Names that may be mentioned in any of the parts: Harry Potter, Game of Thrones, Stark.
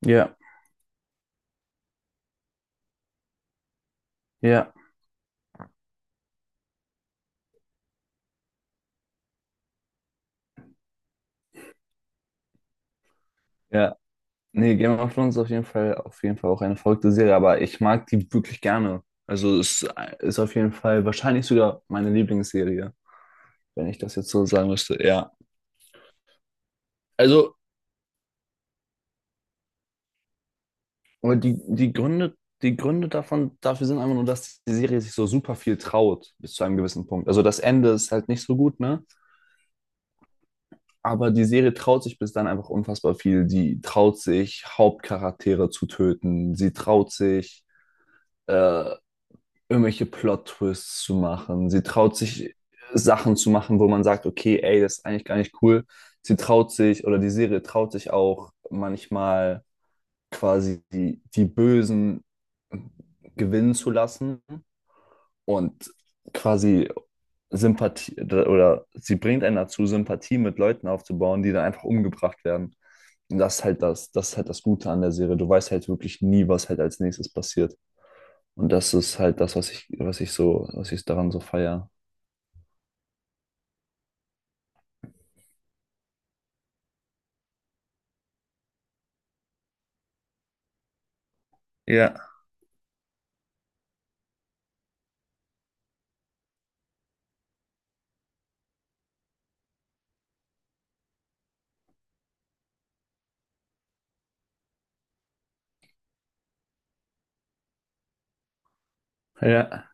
Ja, ja. Ja, nee, Game of Thrones ist auf jeden Fall auch eine verrückte Serie, aber ich mag die wirklich gerne. Also es ist auf jeden Fall wahrscheinlich sogar meine Lieblingsserie, wenn ich das jetzt so sagen müsste. Ja. Also, aber die Gründe, die Gründe davon, dafür sind einfach nur, dass die Serie sich so super viel traut, bis zu einem gewissen Punkt. Also das Ende ist halt nicht so gut, ne? Aber die Serie traut sich bis dann einfach unfassbar viel. Die traut sich, Hauptcharaktere zu töten. Sie traut sich, äh, irgendwelche Plot-Twists zu machen. Sie traut sich Sachen zu machen, wo man sagt, okay, ey, das ist eigentlich gar nicht cool. Sie traut sich oder die Serie traut sich auch manchmal quasi die Bösen gewinnen zu lassen und quasi Sympathie oder sie bringt einen dazu, Sympathie mit Leuten aufzubauen, die dann einfach umgebracht werden. Und das ist halt das ist halt das Gute an der Serie. Du weißt halt wirklich nie, was halt als nächstes passiert. Und das ist halt das, was ich so, was ich daran so feiere. Ja, ja.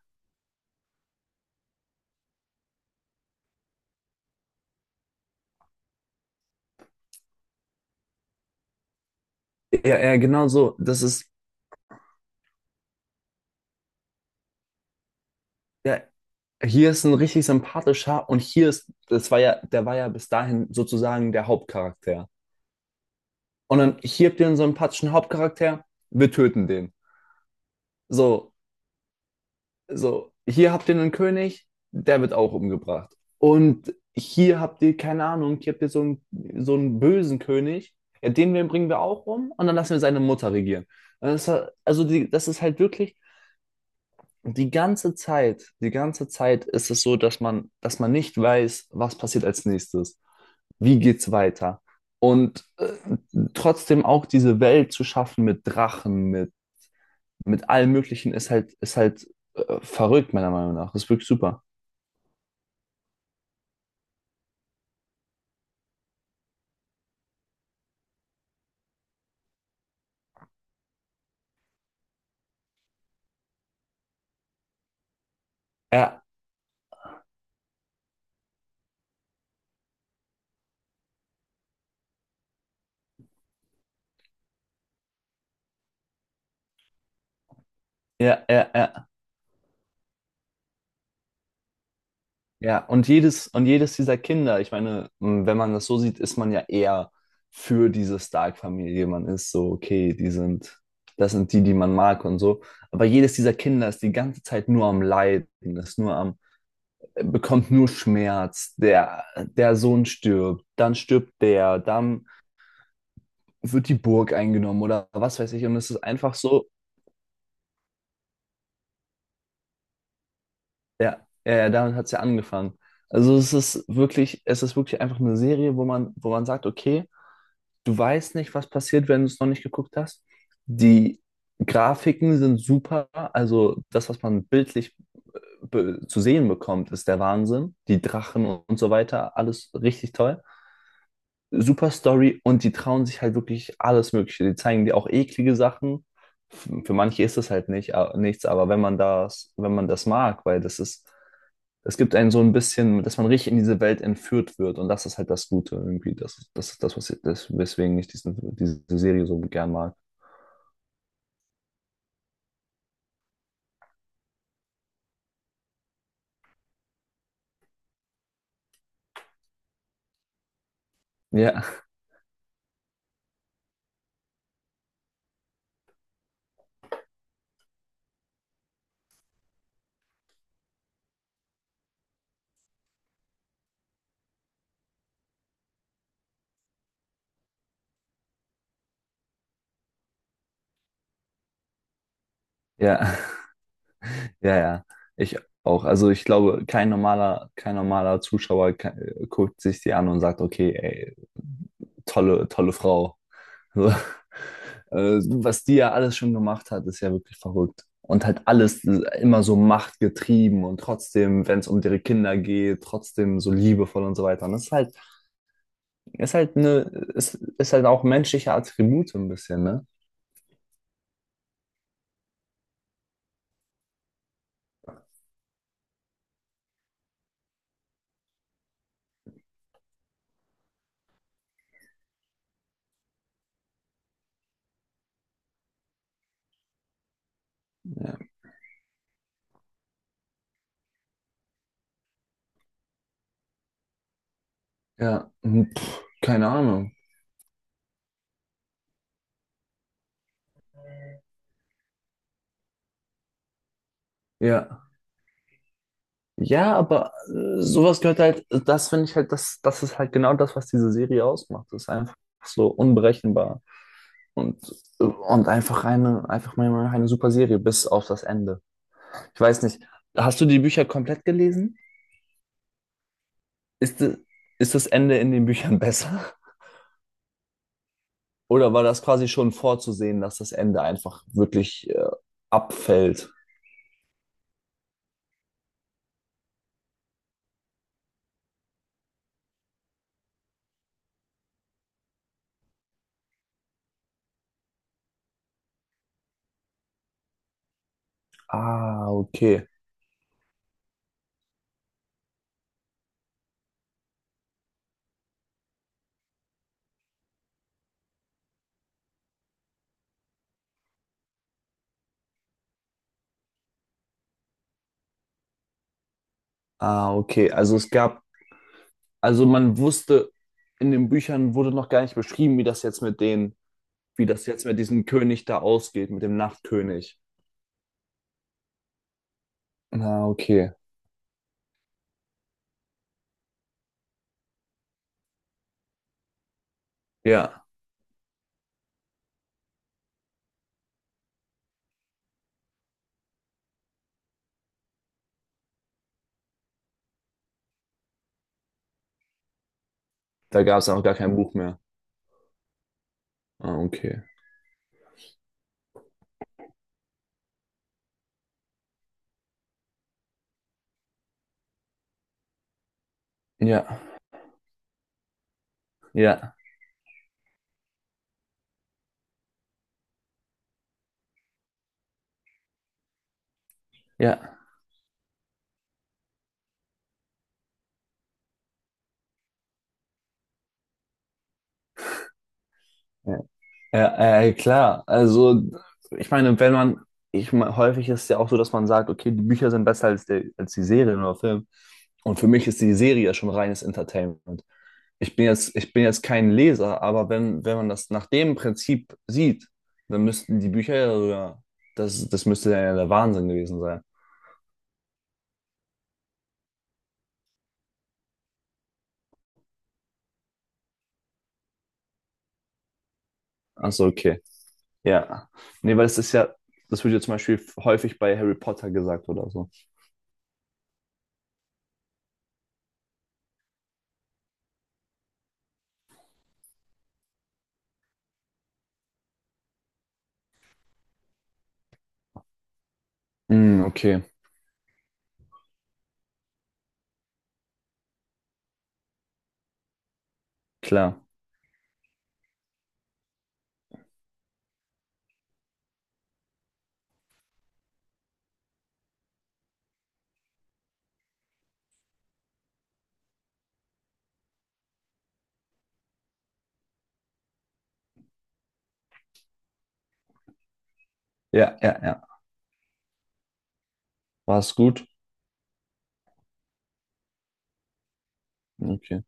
Ja, ja, genau so. Das ist, ja, hier ist ein richtig sympathischer und hier ist, das war ja, der war ja bis dahin sozusagen der Hauptcharakter. Und dann hier habt ihr einen sympathischen Hauptcharakter, wir töten den. So, so, hier habt ihr einen König, der wird auch umgebracht. Und hier habt ihr, keine Ahnung, hier habt ihr so einen bösen König, ja, den bringen wir auch um und dann lassen wir seine Mutter regieren. Und das, also die, das ist halt wirklich die ganze Zeit ist es so, dass man nicht weiß, was passiert als nächstes, wie geht's weiter. Und trotzdem auch diese Welt zu schaffen mit Drachen, mit allem Möglichen ist halt verrückt, meiner Meinung nach. Das ist wirklich super. Ja, ja, ja, ja, ja. Und jedes dieser Kinder, ich meine, wenn man das so sieht, ist man ja eher für diese Stark-Familie. Man ist so, okay, die sind, das sind die, die man mag und so. Aber jedes dieser Kinder ist die ganze Zeit nur am Leiden, ist nur am, bekommt nur Schmerz. Der Sohn stirbt, dann stirbt der, dann wird die Burg eingenommen oder was weiß ich. Und es ist einfach so, ja, ja, ja, damit hat es ja angefangen. Also es ist wirklich einfach eine Serie, wo man sagt, okay, du weißt nicht, was passiert, wenn du es noch nicht geguckt hast. Die Grafiken sind super, also das, was man bildlich zu sehen bekommt, ist der Wahnsinn. Die Drachen und so weiter, alles richtig toll. Super Story und die trauen sich halt wirklich alles Mögliche. Die zeigen dir auch eklige Sachen. Für manche ist das halt nicht, nichts, aber wenn man das, wenn man das mag, weil das ist es gibt einen so ein bisschen, dass man richtig in diese Welt entführt wird. Und das ist halt das Gute irgendwie. Das, das ist das, das, weswegen ich diesen, diese Serie so gern mag. Ja, ja, ja, ja. Ich auch. Also ich glaube, kein normaler, kein normaler Zuschauer guckt sich die an und sagt, okay, ey, tolle, tolle Frau. So. Was die ja alles schon gemacht hat, ist ja wirklich verrückt. Und halt alles immer so machtgetrieben und trotzdem, wenn es um ihre Kinder geht, trotzdem so liebevoll und so weiter. Und das ist halt eine, ist halt auch menschliche Attribute ein bisschen, ne? Ja. Ja, hm, pff, keine Ahnung. Ja. Ja, aber sowas gehört halt, das finde ich halt, das ist halt genau das, was diese Serie ausmacht. Das ist einfach so unberechenbar. Und, und einfach eine, einfach mal eine super Serie bis auf das Ende. Ich weiß nicht, hast du die Bücher komplett gelesen? Ist, ist das Ende in den Büchern besser? Oder war das quasi schon vorzusehen, dass das Ende einfach wirklich abfällt? Ah, okay. Ah, okay. Also es gab, also man wusste, in den Büchern wurde noch gar nicht beschrieben, wie das jetzt mit den, wie das jetzt mit diesem König da ausgeht, mit dem Nachtkönig. Ah, okay. Ja, da gab es auch gar kein Buch mehr. Ah, okay. Ja, ja, ja. Ja, ja, ja, klar. Also, ich meine, wenn man, ich meine, häufig ist es ja auch so, dass man sagt, okay, die Bücher sind besser als, der, als die Serien oder Film. Und für mich ist die Serie ja schon reines Entertainment. Ich bin jetzt kein Leser, aber wenn, wenn man das nach dem Prinzip sieht, dann müssten die Bücher ja sogar, das müsste ja der Wahnsinn gewesen sein. Ach so, okay. Ja. Nee, weil das ist ja, das wird ja zum Beispiel häufig bei Harry Potter gesagt oder so. Hm, okay, klar. Ja, ja, ja. War es gut? Okay.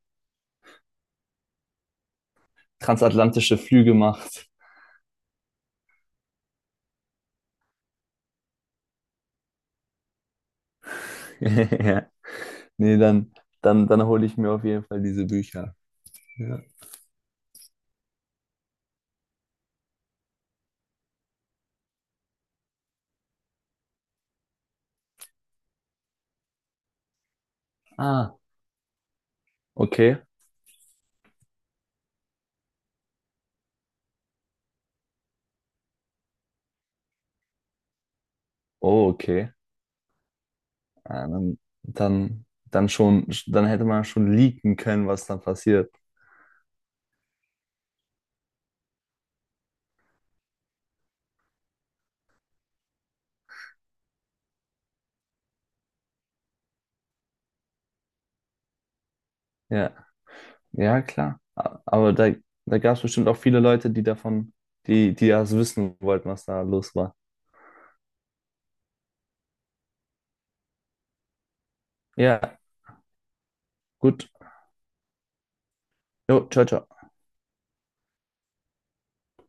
Transatlantische Flüge macht. Ja. Nee, dann, dann hole ich mir auf jeden Fall diese Bücher. Ja. Ah, okay. Oh, okay. Ah, dann, dann schon, dann hätte man schon leaken können, was dann passiert. Ja, ja, klar. Aber da, da gab es bestimmt auch viele Leute, die davon, die das wissen wollten, was da los war. Ja, gut. Jo, ciao, ciao.